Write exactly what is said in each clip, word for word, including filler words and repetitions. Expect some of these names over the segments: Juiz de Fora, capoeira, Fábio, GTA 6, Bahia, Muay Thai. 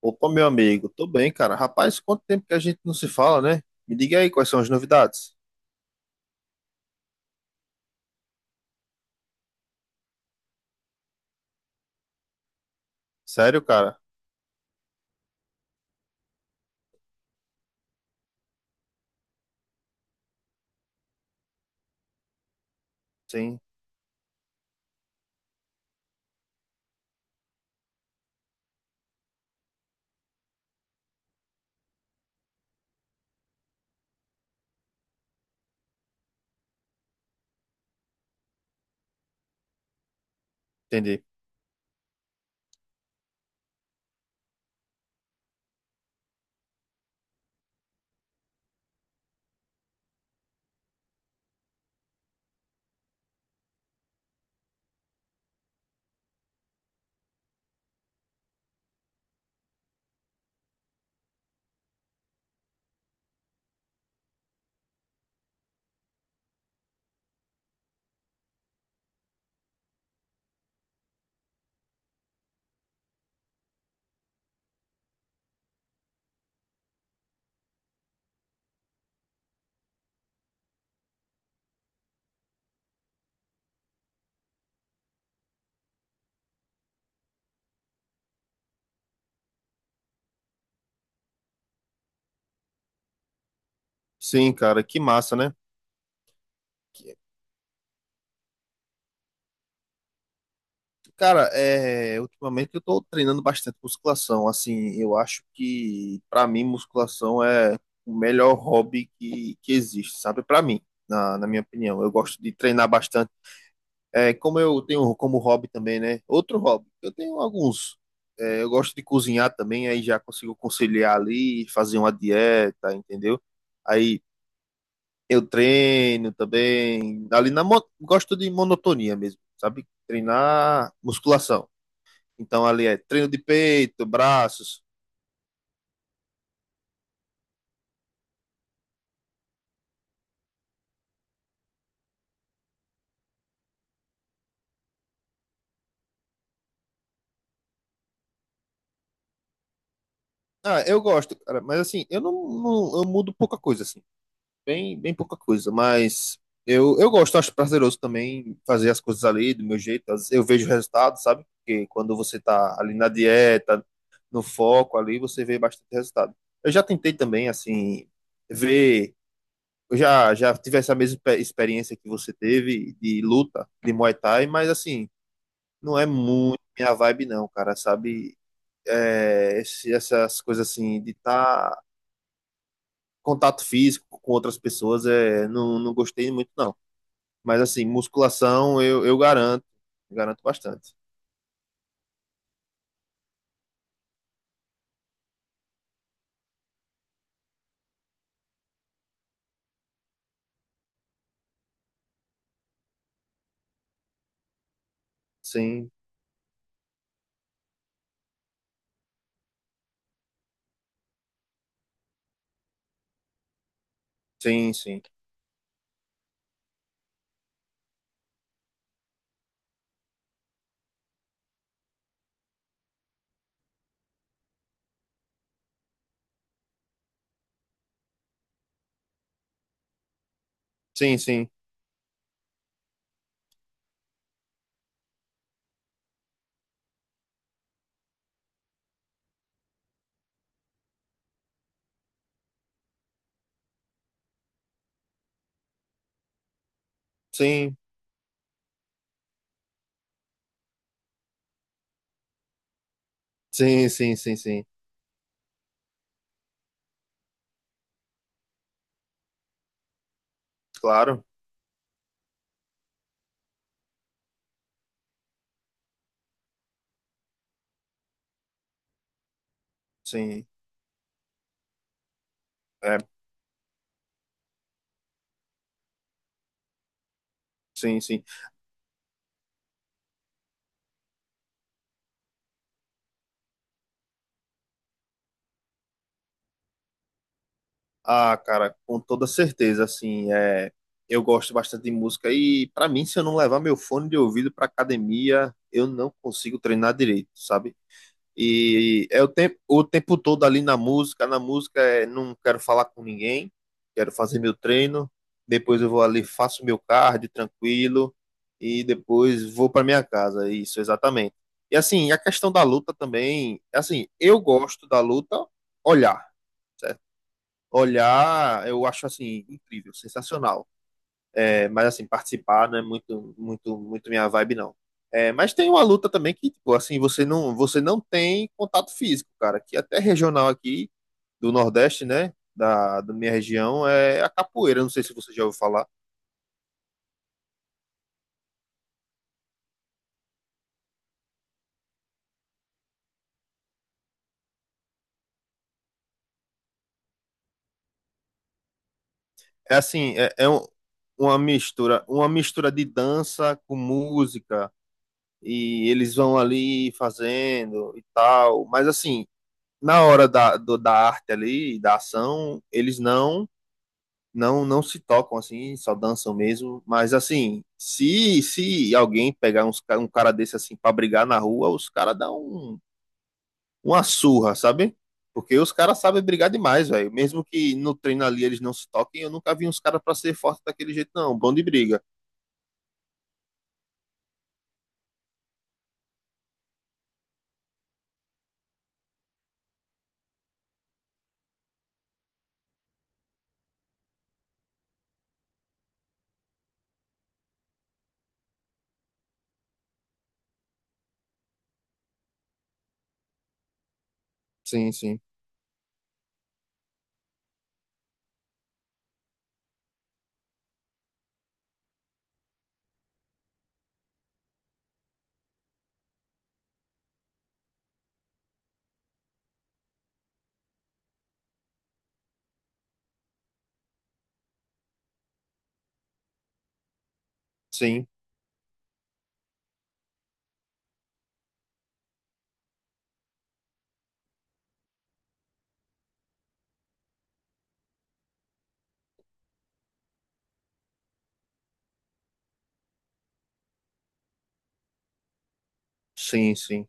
Opa, meu amigo, tô bem, cara. Rapaz, quanto tempo que a gente não se fala, né? Me diga aí quais são as novidades. Sério, cara? Sim, entendi. Sim, cara, que massa, né? Que- Cara, é, ultimamente eu tô treinando bastante musculação. Assim, eu acho que pra mim musculação é o melhor hobby que, que existe, sabe? Pra mim, na, na minha opinião. Eu gosto de treinar bastante. É, como eu tenho como hobby também, né? Outro hobby. Eu tenho alguns. É, eu gosto de cozinhar também, aí já consigo conciliar ali, fazer uma dieta, entendeu? Aí eu treino também. Ali na mo- gosto de monotonia mesmo, sabe? Treinar musculação. Então ali é treino de peito, braços. Ah, eu gosto, cara, mas assim, eu não, não- eu mudo pouca coisa, assim. Bem, bem pouca coisa, mas eu, eu gosto, acho prazeroso também fazer as coisas ali do meu jeito. Às vezes eu vejo o resultado, sabe? Porque quando você tá ali na dieta, no foco ali, você vê bastante resultado. Eu já tentei também, assim, ver. Eu já, já tive essa mesma pe- experiência que você teve de luta, de Muay Thai, mas assim, não é muito minha vibe, não, cara, sabe? É, esse- essas coisas assim, de estar. Tá contato físico com outras pessoas, é, não, não gostei muito, não. Mas assim, musculação eu, eu garanto, garanto bastante. Sim, sim, sim. Sim, sim. Sim, sim, sim, sim, sim. Claro, sim. É, sim, sim. Ah, cara, com toda certeza, assim, é, eu gosto bastante de música e pra mim, se eu não levar meu fone de ouvido pra academia, eu não consigo treinar direito, sabe? E é o tempo, o tempo todo ali na música. Na música é não quero falar com ninguém, quero fazer meu treino. Depois eu vou ali, faço meu cardio tranquilo e depois vou para minha casa. Isso, exatamente. E assim, a questão da luta também, assim, eu gosto da luta olhar, certo? Olhar, eu acho assim incrível, sensacional. É, mas assim, participar não é muito, muito, muito minha vibe, não. É, mas tem uma luta também que, tipo, assim, você não, você não tem contato físico, cara. Que até regional aqui do Nordeste, né? Da, da minha região é a capoeira. Não sei se você já ouviu falar. É assim, é, é um- uma mistura, uma mistura de dança com música. E eles vão ali fazendo e tal. Mas assim, na hora da, do- da arte ali, da ação, eles não não não se tocam assim, só dançam mesmo. Mas assim, se se alguém pegar uns, ca- um cara desse assim para brigar na rua, os caras dão um- uma surra, sabe? Porque os caras sabem brigar demais, velho. Mesmo que no treino ali eles não se toquem, eu nunca vi uns caras para ser forte daquele jeito, não. Bom de briga. Sim, sim, sim, sim, sim,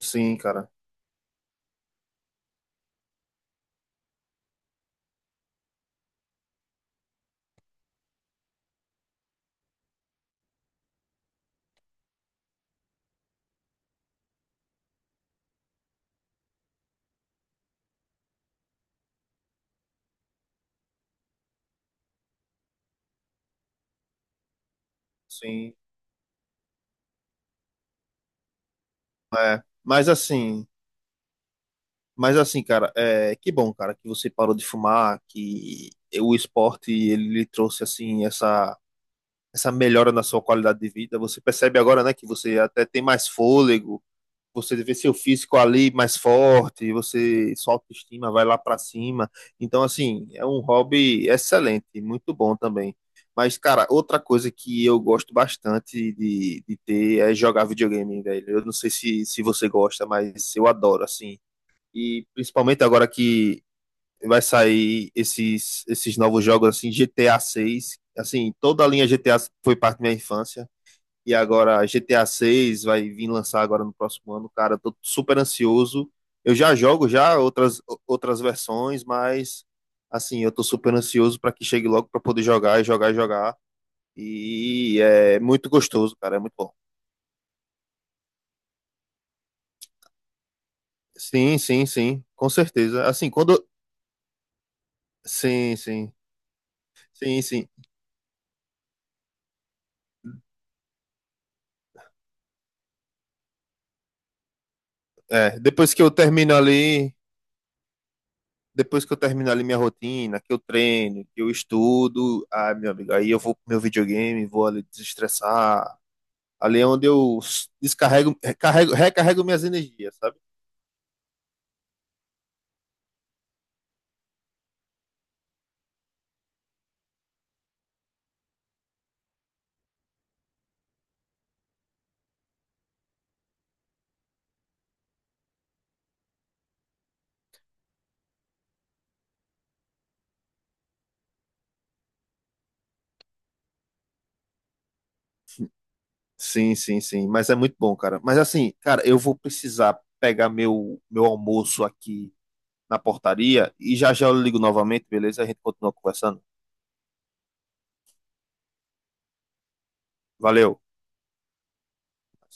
sim, cara, sim. É. Mas assim, mas assim, cara, é, que bom, cara, que você parou de fumar, que o esporte ele lhe trouxe assim essa essa melhora na sua qualidade de vida. Você percebe agora, né, que você até tem mais fôlego, você vê seu físico ali mais forte, você sua autoestima vai lá para cima. Então, assim, é um hobby excelente, muito bom também. Mas, cara, outra coisa que eu gosto bastante de, de ter é jogar videogame, velho. Eu não sei se, se você gosta, mas eu adoro, assim. E principalmente agora que vai sair esses, esses novos jogos, assim, G T A seis. Assim, toda a linha G T A foi parte da minha infância. E agora G T A seis vai vir lançar agora no próximo ano. Cara, tô super ansioso. Eu já jogo já outras, outras versões, mas assim, eu tô super ansioso para que chegue logo para poder jogar e jogar e jogar. E é muito gostoso, cara, é muito bom. Sim, sim, sim, com certeza. Assim, quando. Sim, sim, sim, sim. É, depois que eu termino ali, depois que eu terminar ali minha rotina, que eu treino, que eu estudo, ah, meu amigo, aí eu vou pro meu videogame, vou ali desestressar. Ali é onde eu s- Descarrego, recarrego, recarrego minhas energias, sabe? Sim, sim, sim. Mas é muito bom, cara. Mas assim, cara, eu vou precisar pegar meu, meu almoço aqui na portaria e já já eu ligo novamente, beleza? A gente continua conversando. Valeu.